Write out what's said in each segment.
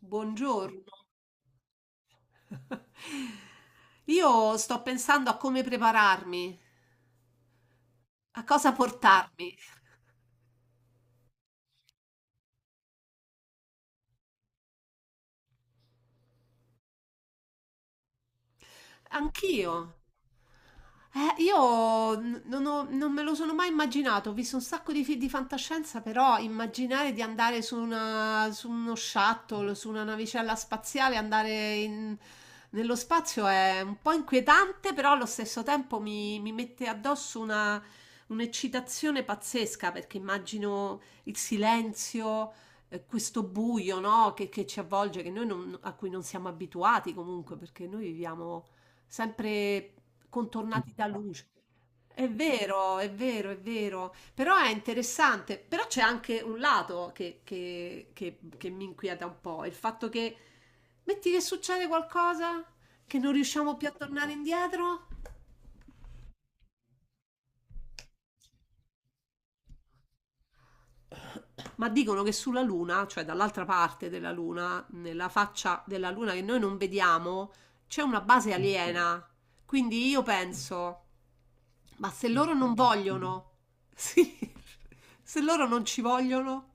Buongiorno. Io sto pensando a come prepararmi, a cosa portarmi. Anch'io. Io n- non, ho- Non me lo sono mai immaginato, ho visto un sacco di film di fantascienza, però immaginare di andare su, su uno shuttle, su una navicella spaziale, nello spazio è un po' inquietante, però allo stesso tempo mi mette addosso un'eccitazione pazzesca, perché immagino il silenzio, questo buio, no, che ci avvolge, che noi non- a cui non siamo abituati comunque, perché noi viviamo sempre contornati da luce. È vero, è vero, è vero, però è interessante, però c'è anche un lato che mi inquieta un po', il fatto che metti che succede qualcosa, che non riusciamo più a tornare indietro. Ma dicono che sulla Luna, cioè dall'altra parte della Luna, nella faccia della Luna che noi non vediamo, c'è una base aliena. Quindi io penso, ma se loro non vogliono, sì, se loro non ci vogliono,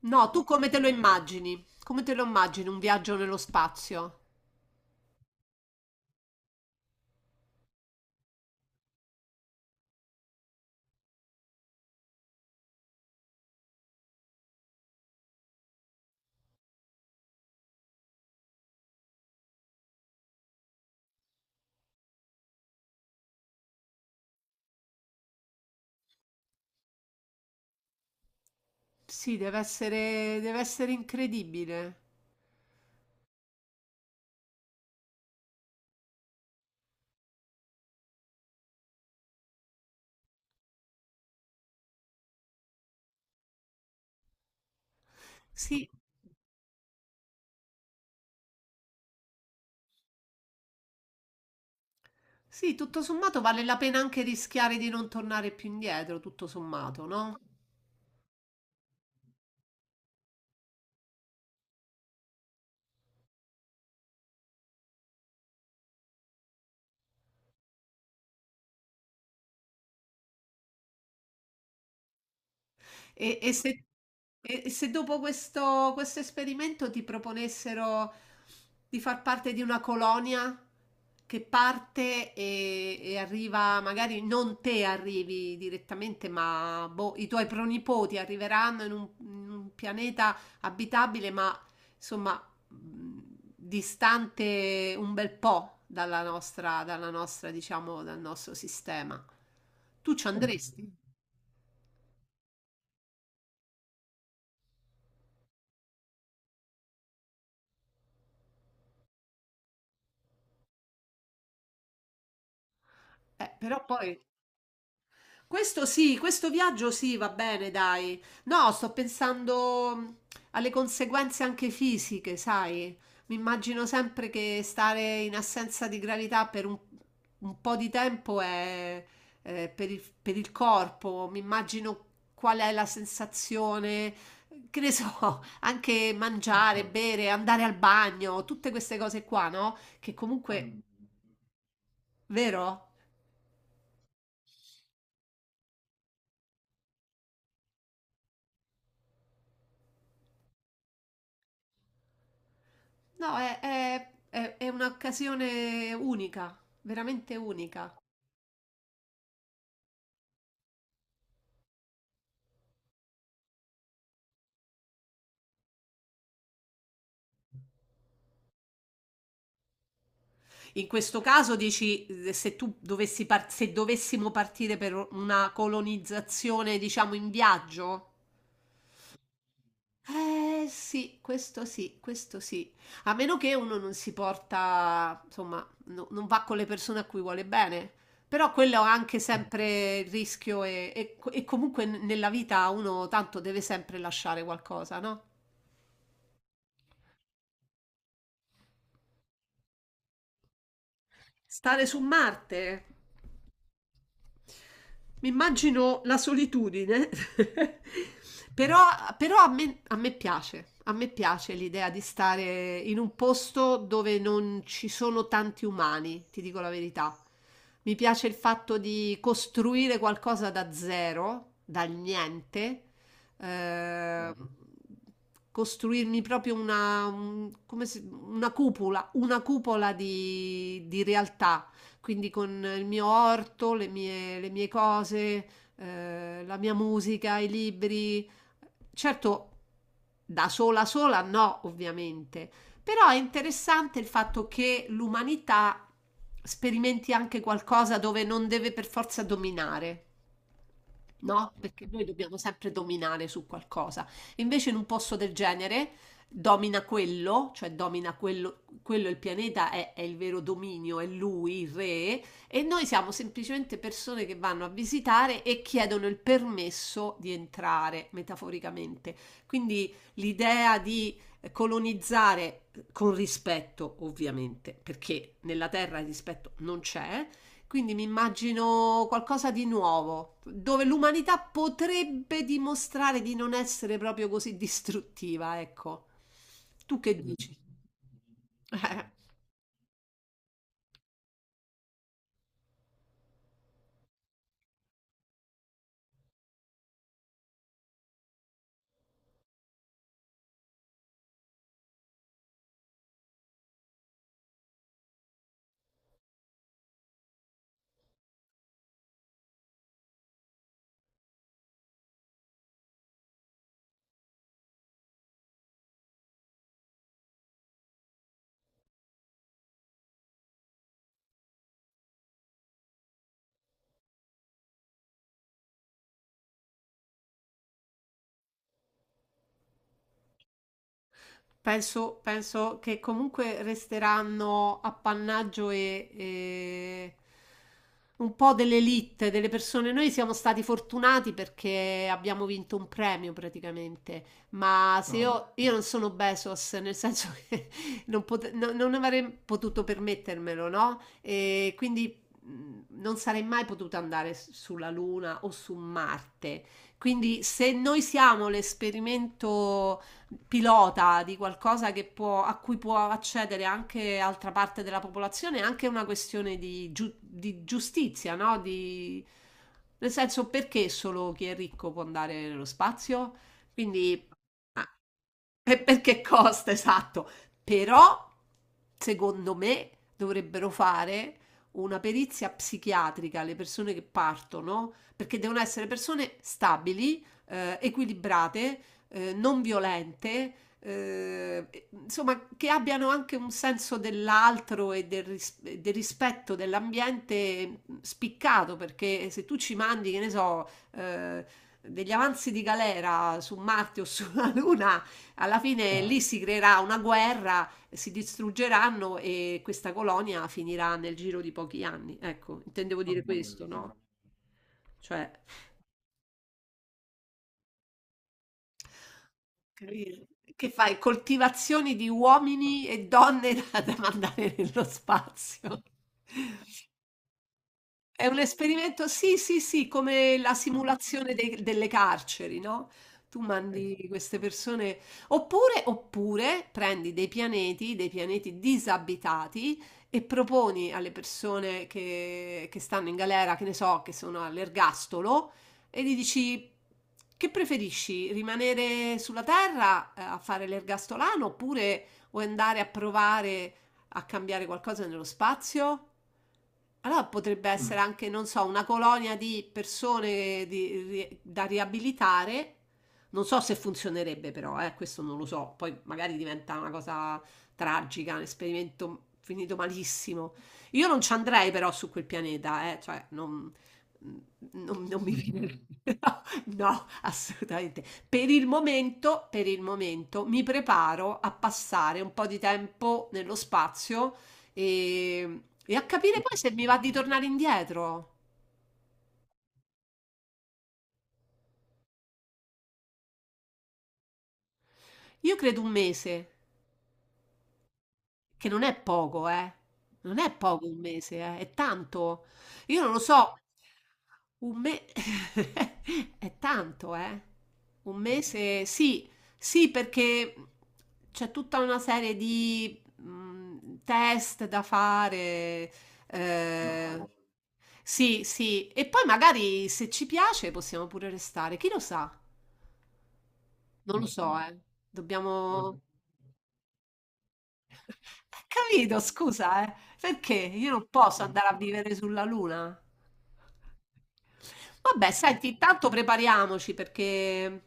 no, tu come te lo immagini? Come te lo immagini un viaggio nello spazio? Sì, deve essere incredibile. Sì, sì, tutto sommato vale la pena anche rischiare di non tornare più indietro, tutto sommato, no? E, e se, e se dopo questo esperimento ti proponessero di far parte di una colonia che parte e arriva, magari non te arrivi direttamente, ma boh, i tuoi pronipoti arriveranno in un pianeta abitabile, ma insomma mh, distante un bel po' dalla nostra, diciamo, dal nostro sistema. Tu ci andresti? Però poi Questo sì, questo viaggio sì, va bene, dai. No, sto pensando alle conseguenze anche fisiche, sai? Mi immagino sempre che stare in assenza di gravità per un po' di tempo è, per il corpo. Mi immagino qual è la sensazione, che ne so, anche mangiare, bere, andare al bagno, tutte queste cose qua, no? Che comunque, vero? No, è un'occasione unica, veramente unica. In questo caso dici, se tu se dovessimo partire per una colonizzazione, diciamo, in viaggio? Eh sì, questo sì, questo sì. A meno che uno non si porta, insomma, non va con le persone a cui vuole bene. Però quello ha anche sempre il rischio e comunque nella vita uno tanto deve sempre lasciare qualcosa, no? Stare su Marte. Mi immagino la solitudine, però, però a me piace l'idea di stare in un posto dove non ci sono tanti umani, ti dico la verità. Mi piace il fatto di costruire qualcosa da zero, dal niente, Mhm. Costruirmi proprio una, una cupola di realtà quindi con il mio orto, le mie cose, la mia musica, i libri. Certo, da sola sola no, ovviamente, però è interessante il fatto che l'umanità sperimenti anche qualcosa dove non deve per forza dominare, no? Perché noi dobbiamo sempre dominare su qualcosa. Invece in un posto del genere domina quello, cioè domina quello, quello il pianeta è il vero dominio, è lui il re, e noi siamo semplicemente persone che vanno a visitare e chiedono il permesso di entrare, metaforicamente. Quindi l'idea di colonizzare con rispetto, ovviamente, perché nella Terra il rispetto non c'è, quindi mi immagino qualcosa di nuovo, dove l'umanità potrebbe dimostrare di non essere proprio così distruttiva, ecco. Tu che dici? Penso, penso che comunque resteranno appannaggio e un po' dell'elite, delle persone. Noi siamo stati fortunati perché abbiamo vinto un premio praticamente, ma se io non sono Bezos, nel senso che non avrei potuto permettermelo, no? E quindi non sarei mai potuta andare sulla Luna o su Marte. Quindi se noi siamo l'esperimento pilota di qualcosa che può, a cui può accedere anche altra parte della popolazione, è anche una questione di, di giustizia, no? Di, nel senso, perché solo chi è ricco può andare nello spazio? Quindi, ah, e perché costa, esatto. Però, secondo me, dovrebbero fare una perizia psichiatrica alle persone che partono, perché devono essere persone stabili, equilibrate, non violente, insomma, che abbiano anche un senso dell'altro e del, e del rispetto dell'ambiente spiccato, perché se tu ci mandi, che ne so, degli avanzi di galera su Marte o sulla Luna, alla fine lì si creerà una guerra, si distruggeranno e questa colonia finirà nel giro di pochi anni. Ecco, intendevo dire questo, no? Cioè, capito? Che fai? Coltivazioni di uomini e donne da, da mandare nello spazio. È un esperimento, sì, sì, sì, come la simulazione delle carceri, no? Tu mandi queste persone, oppure, oppure prendi dei pianeti disabitati e proponi alle persone che stanno in galera, che ne so, che sono all'ergastolo, e gli dici che preferisci, rimanere sulla Terra a fare l'ergastolano oppure vuoi andare a provare a cambiare qualcosa nello spazio? Allora potrebbe essere anche, non so, una colonia di persone da riabilitare. Non so se funzionerebbe però, questo non lo so. Poi magari diventa una cosa tragica, un esperimento finito malissimo. Io non ci andrei però su quel pianeta, cioè non, mm, non mi viene... No, assolutamente. Per il momento, mi preparo a passare un po' di tempo nello spazio e a capire poi se mi va di tornare indietro. Io credo un mese. Che non è poco, eh. Non è poco un mese, eh. È tanto. Io non lo so. Un mese è tanto, eh. Un mese, sì, sì, perché c'è tutta una serie di test da fare. Eh, sì, sì. E poi magari se ci piace possiamo pure restare. Chi lo sa? Non lo so, eh. Dobbiamo. Capito, scusa, eh. Perché io non posso andare a vivere sulla Luna? Vabbè, senti, intanto prepariamoci perché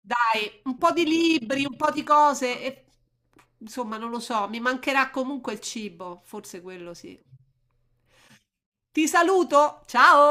dai, un po' di libri, un po' di cose e insomma, non lo so, mi mancherà comunque il cibo, forse quello sì. Ti saluto, ciao!